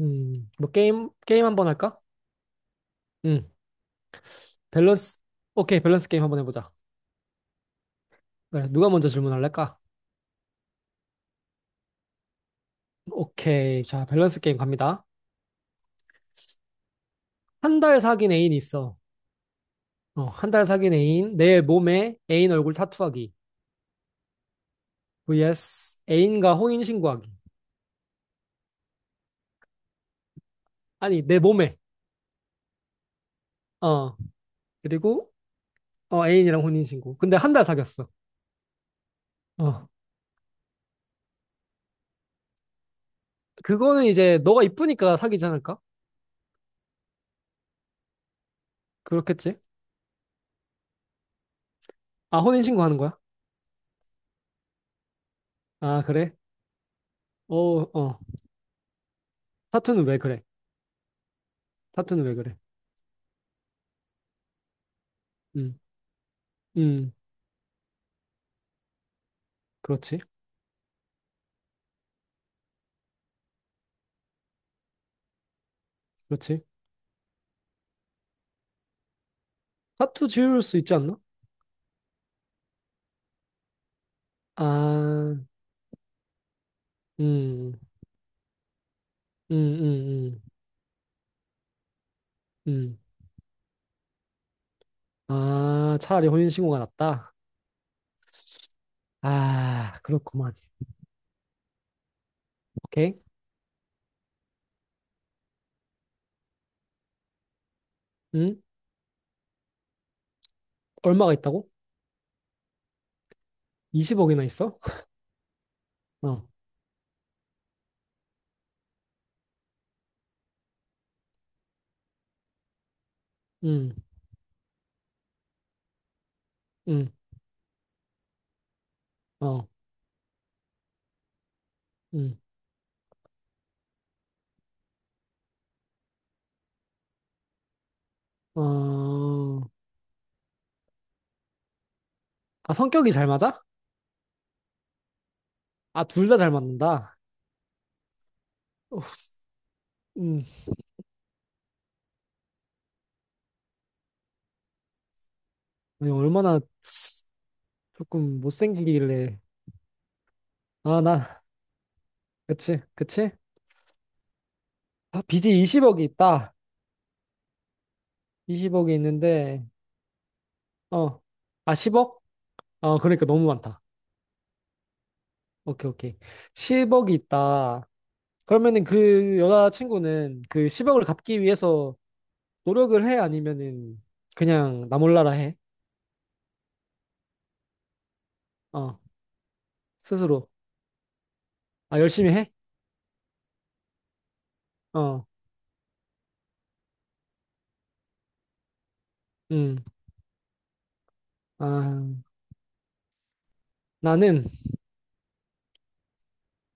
뭐 게임 한번 할까? 음, 밸런스. 오케이, 밸런스 게임 한번 해보자. 그래, 누가 먼저 질문할래까? 오케이, 자, 밸런스 게임 갑니다. 한 달 사귄 애인이 있어. 한 달 사귄 애인, 내 몸에 애인 얼굴 타투하기. vs 애인과 혼인 신고하기. 아니, 내 몸에. 어, 그리고 애인이랑 혼인 신고. 근데 한 달 사귀었어. 어, 그거는 이제 너가 이쁘니까 사귀지 않을까? 그렇겠지? 아, 혼인 신고하는 거야? 아, 그래? 어, 어. 타투는 왜 그래? 타투는 왜 그래? 음. 음, 그렇지, 그렇지. 타투 지울 수 있지 않나? 아, 음, 음, 음, 음, 음. 아, 차라리 혼인신고가 낫다. 아, 그렇구만. 오케이. 음, 얼마가 있다고? 20억이나 있어? 어, 음, 음, 어, 음, 어. 아, 성격이 잘 맞아? 아, 둘 다 잘 맞는다. 어, 음, 아니, 얼마나 조금 못생기길래. 아, 나, 그치, 그치? 아, 빚이 20억이 있다. 20억이 있는데, 어. 아, 10억? 어, 그러니까 너무 많다. 오케이, 오케이. 10억이 있다. 그러면은 그 여자친구는 그 10억을 갚기 위해서 노력을 해? 아니면은 그냥 나 몰라라 해? 어, 스스로. 아, 열심히 해? 어, 음. 아, 나는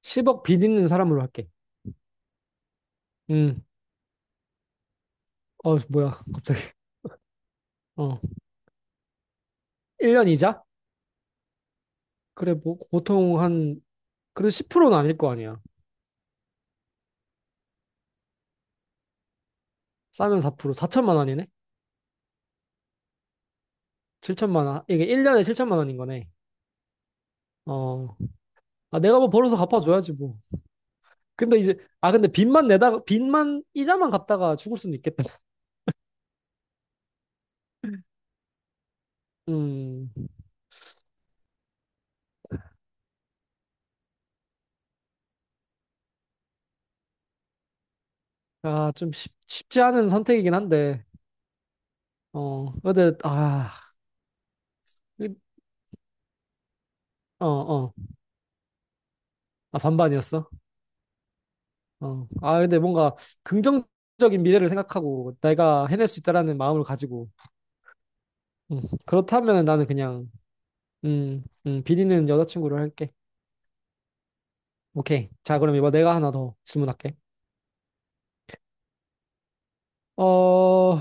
10억 빚 있는 사람으로 할게. 음. 어, 뭐야, 갑자기. 어. 1년 이자? 그래, 뭐, 보통 한, 그래도 10%는 아닐 거 아니야. 싸면 4%, 4천만 원이네? 7천만 원. 이게 1년에 7천만 원인 거네. 어, 아, 내가 뭐 벌어서 갚아줘야지, 뭐. 근데 이제, 아, 근데 빚만 내다가, 이자만 갚다가 죽을 수는 있겠다. 음, 아, 좀 쉽지 않은 선택이긴 한데, 어, 근데, 아, 이- 어, 어, 아, 반반이었어. 어, 아, 근데 뭔가 긍정적인 미래를 생각하고 내가 해낼 수 있다라는 마음을 가지고, 음, 그렇다면 나는 그냥, 빚 있는 여자친구를 할게. 오케이. 자, 그럼 이번 내가 하나 더 질문할게. 어,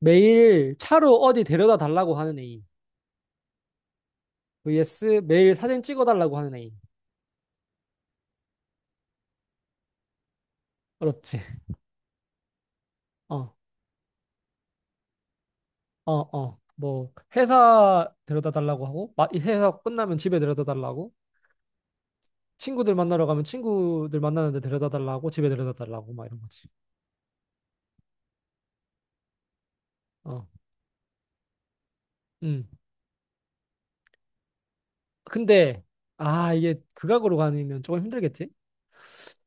매일 차로 어디 데려다 달라고 하는 애인. vs 매일 사진 찍어달라고 하는 애인. 어렵지. 어, 어, 어. 뭐 회사 데려다 달라고 하고 이 회사 끝나면 집에 데려다 달라고 친구들 만나러 가면 친구들 만나는데 데려다 달라고 집에 데려다 달라고 막 이런 거지. 어, 음. 근데 아 이게 극악으로 가면 조금 힘들겠지?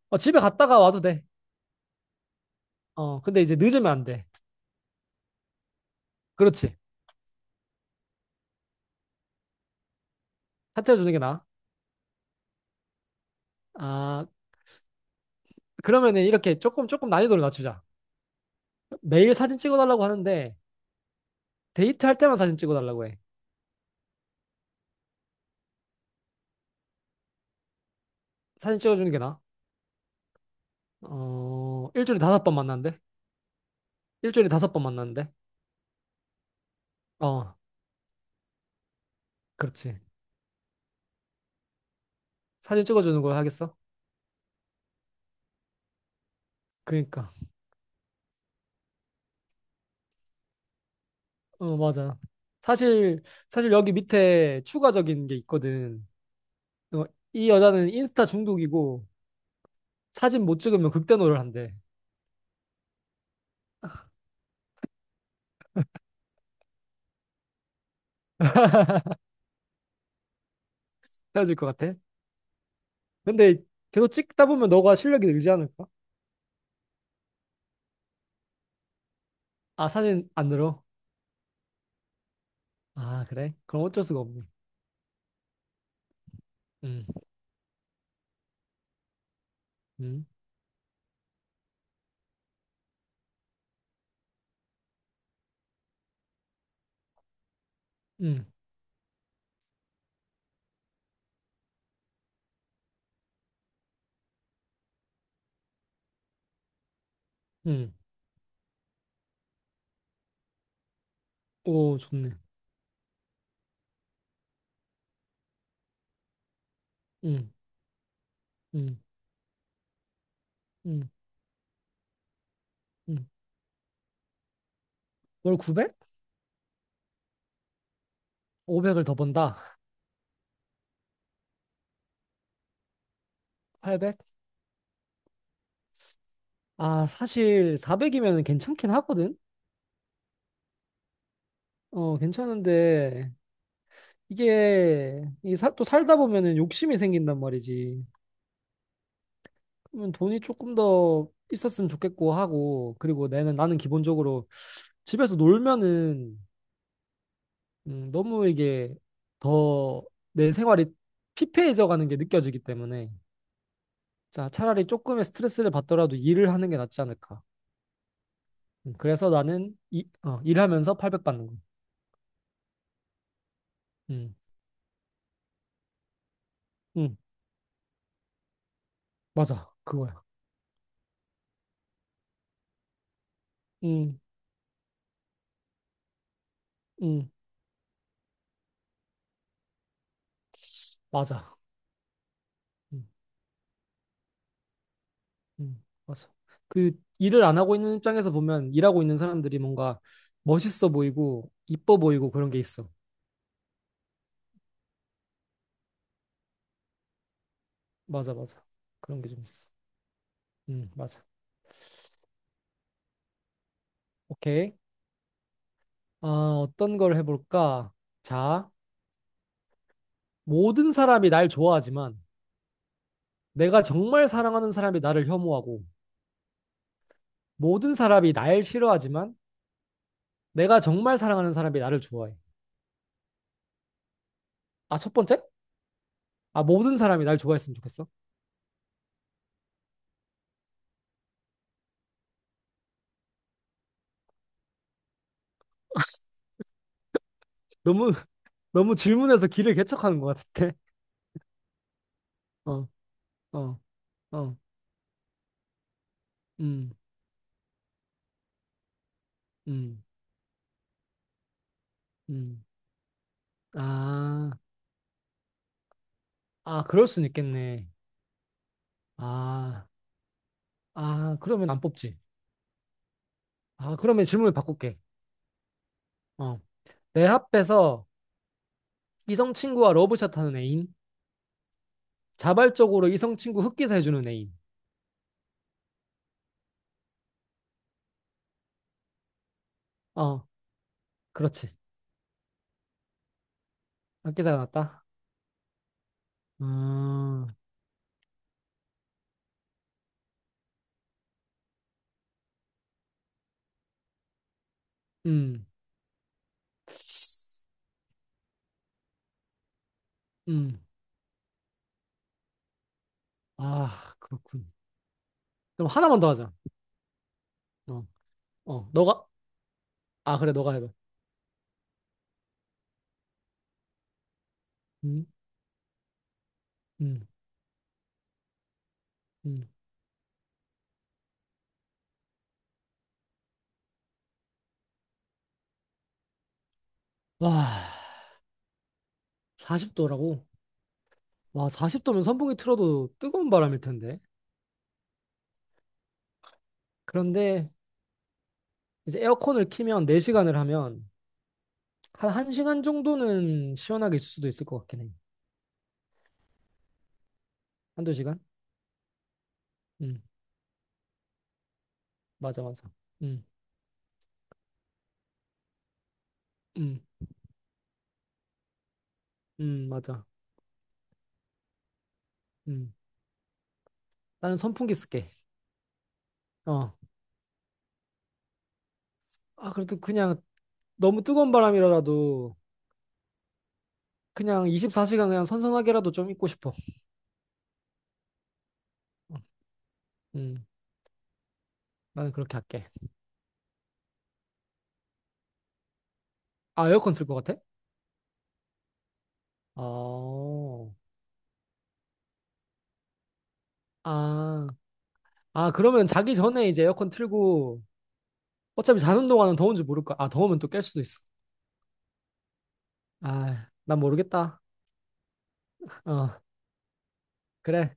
어, 집에 갔다가 와도 돼. 어, 근데 이제 늦으면 안 돼. 그렇지. 사퇴해 주는 게 나아. 아, 그러면은 이렇게 조금 난이도를 낮추자. 매일 사진 찍어달라고 하는데 데이트할 때만 사진 찍어달라고 해. 사진 찍어주는 게 나아. 어, 일주일에 다섯 번 만난대? 일주일에 다섯 번 만난대? 어, 그렇지. 사진 찍어주는 걸 하겠어? 그니까. 어, 맞아. 사실, 사실 여기 밑에 추가적인 게 있거든. 어, 이 여자는 인스타 중독이고 사진 못 찍으면 극대노를 한대. 헤어질 것 같아? 근데 계속 찍다 보면 너가 실력이 늘지 않을까? 아, 사진 안 늘어? 아, 그래? 그럼 어쩔 수가 없네. 응, 응, 응, 응. 오, 좋네. 응, 응, 응, 응. 월 900? 500을 더 번다. 800? 아, 사실 400이면 괜찮긴 하거든? 어, 괜찮은데, 이게, 또 살다 보면은 욕심이 생긴단 말이지. 그러면 돈이 조금 더 있었으면 좋겠고 하고, 그리고 나는, 나는 기본적으로 집에서 놀면은, 너무 이게 더 내 생활이 피폐해져 가는 게 느껴지기 때문에, 자, 차라리 조금의 스트레스를 받더라도 일을 하는 게 낫지 않을까. 그래서 나는 일하면서 800 받는 거. 음, 음, 맞아. 그거야. 응, 응, 맞아. 응, 응, 맞아. 그 일을 안 하고 있는 입장에서 보면 일하고 있는 사람들이 뭔가 멋있어 보이고 이뻐 보이고 그런 게 있어. 맞아, 맞아. 그런 게 좀 있어. 응, 맞아. 오케이. 아, 어떤 걸 해볼까? 자, 모든 사람이 날 좋아하지만 내가 정말 사랑하는 사람이 나를 혐오하고 모든 사람이 날 싫어하지만 내가 정말 사랑하는 사람이 나를 좋아해. 아, 첫 번째? 아, 모든 사람이 날 좋아했으면 좋겠어. 너무 너무 질문해서 길을 개척하는 것 같은데. 어, 어, 어, 음, 음, 음. 아, 아, 그럴 순 있겠네. 아, 아, 그러면 안 뽑지. 아, 그러면 질문을 바꿀게. 어, 내 앞에서 이성 친구와 러브샷 하는 애인, 자발적으로 이성 친구 흑기사 해주는 애인. 어, 그렇지. 흑기사가 낫다. 음, 음, 음. 아, 그렇군. 그럼 하나만 더 하자. 어, 어, 너가, 아, 그래, 너가 해봐. 음, 음. 음. 와, 40도라고? 와, 40도면 선풍기 틀어도 뜨거운 바람일 텐데. 그런데 이제 에어컨을 키면 4시간을 하면 한 1시간 정도는 시원하게 있을 수도 있을 것 같긴 해. 한두 시간? 음, 맞아, 맞아. 음, 음, 맞아. 음. 나는 선풍기 쓸게. 어. 아, 그래도 그냥 너무 뜨거운 바람이라도 그냥 24시간 그냥 선선하게라도 좀 있고 싶어. 어, 음, 나는 그렇게 할게. 아, 에어컨 쓸 것 같아? 어, 아, 아, 그러면 자기 전에 이제 에어컨 틀고 어차피 자는 동안은 더운지 모를 거야. 아, 더우면 또 깰 수도 있어. 아, 난 모르겠다. 어, 그래.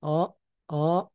어, 어.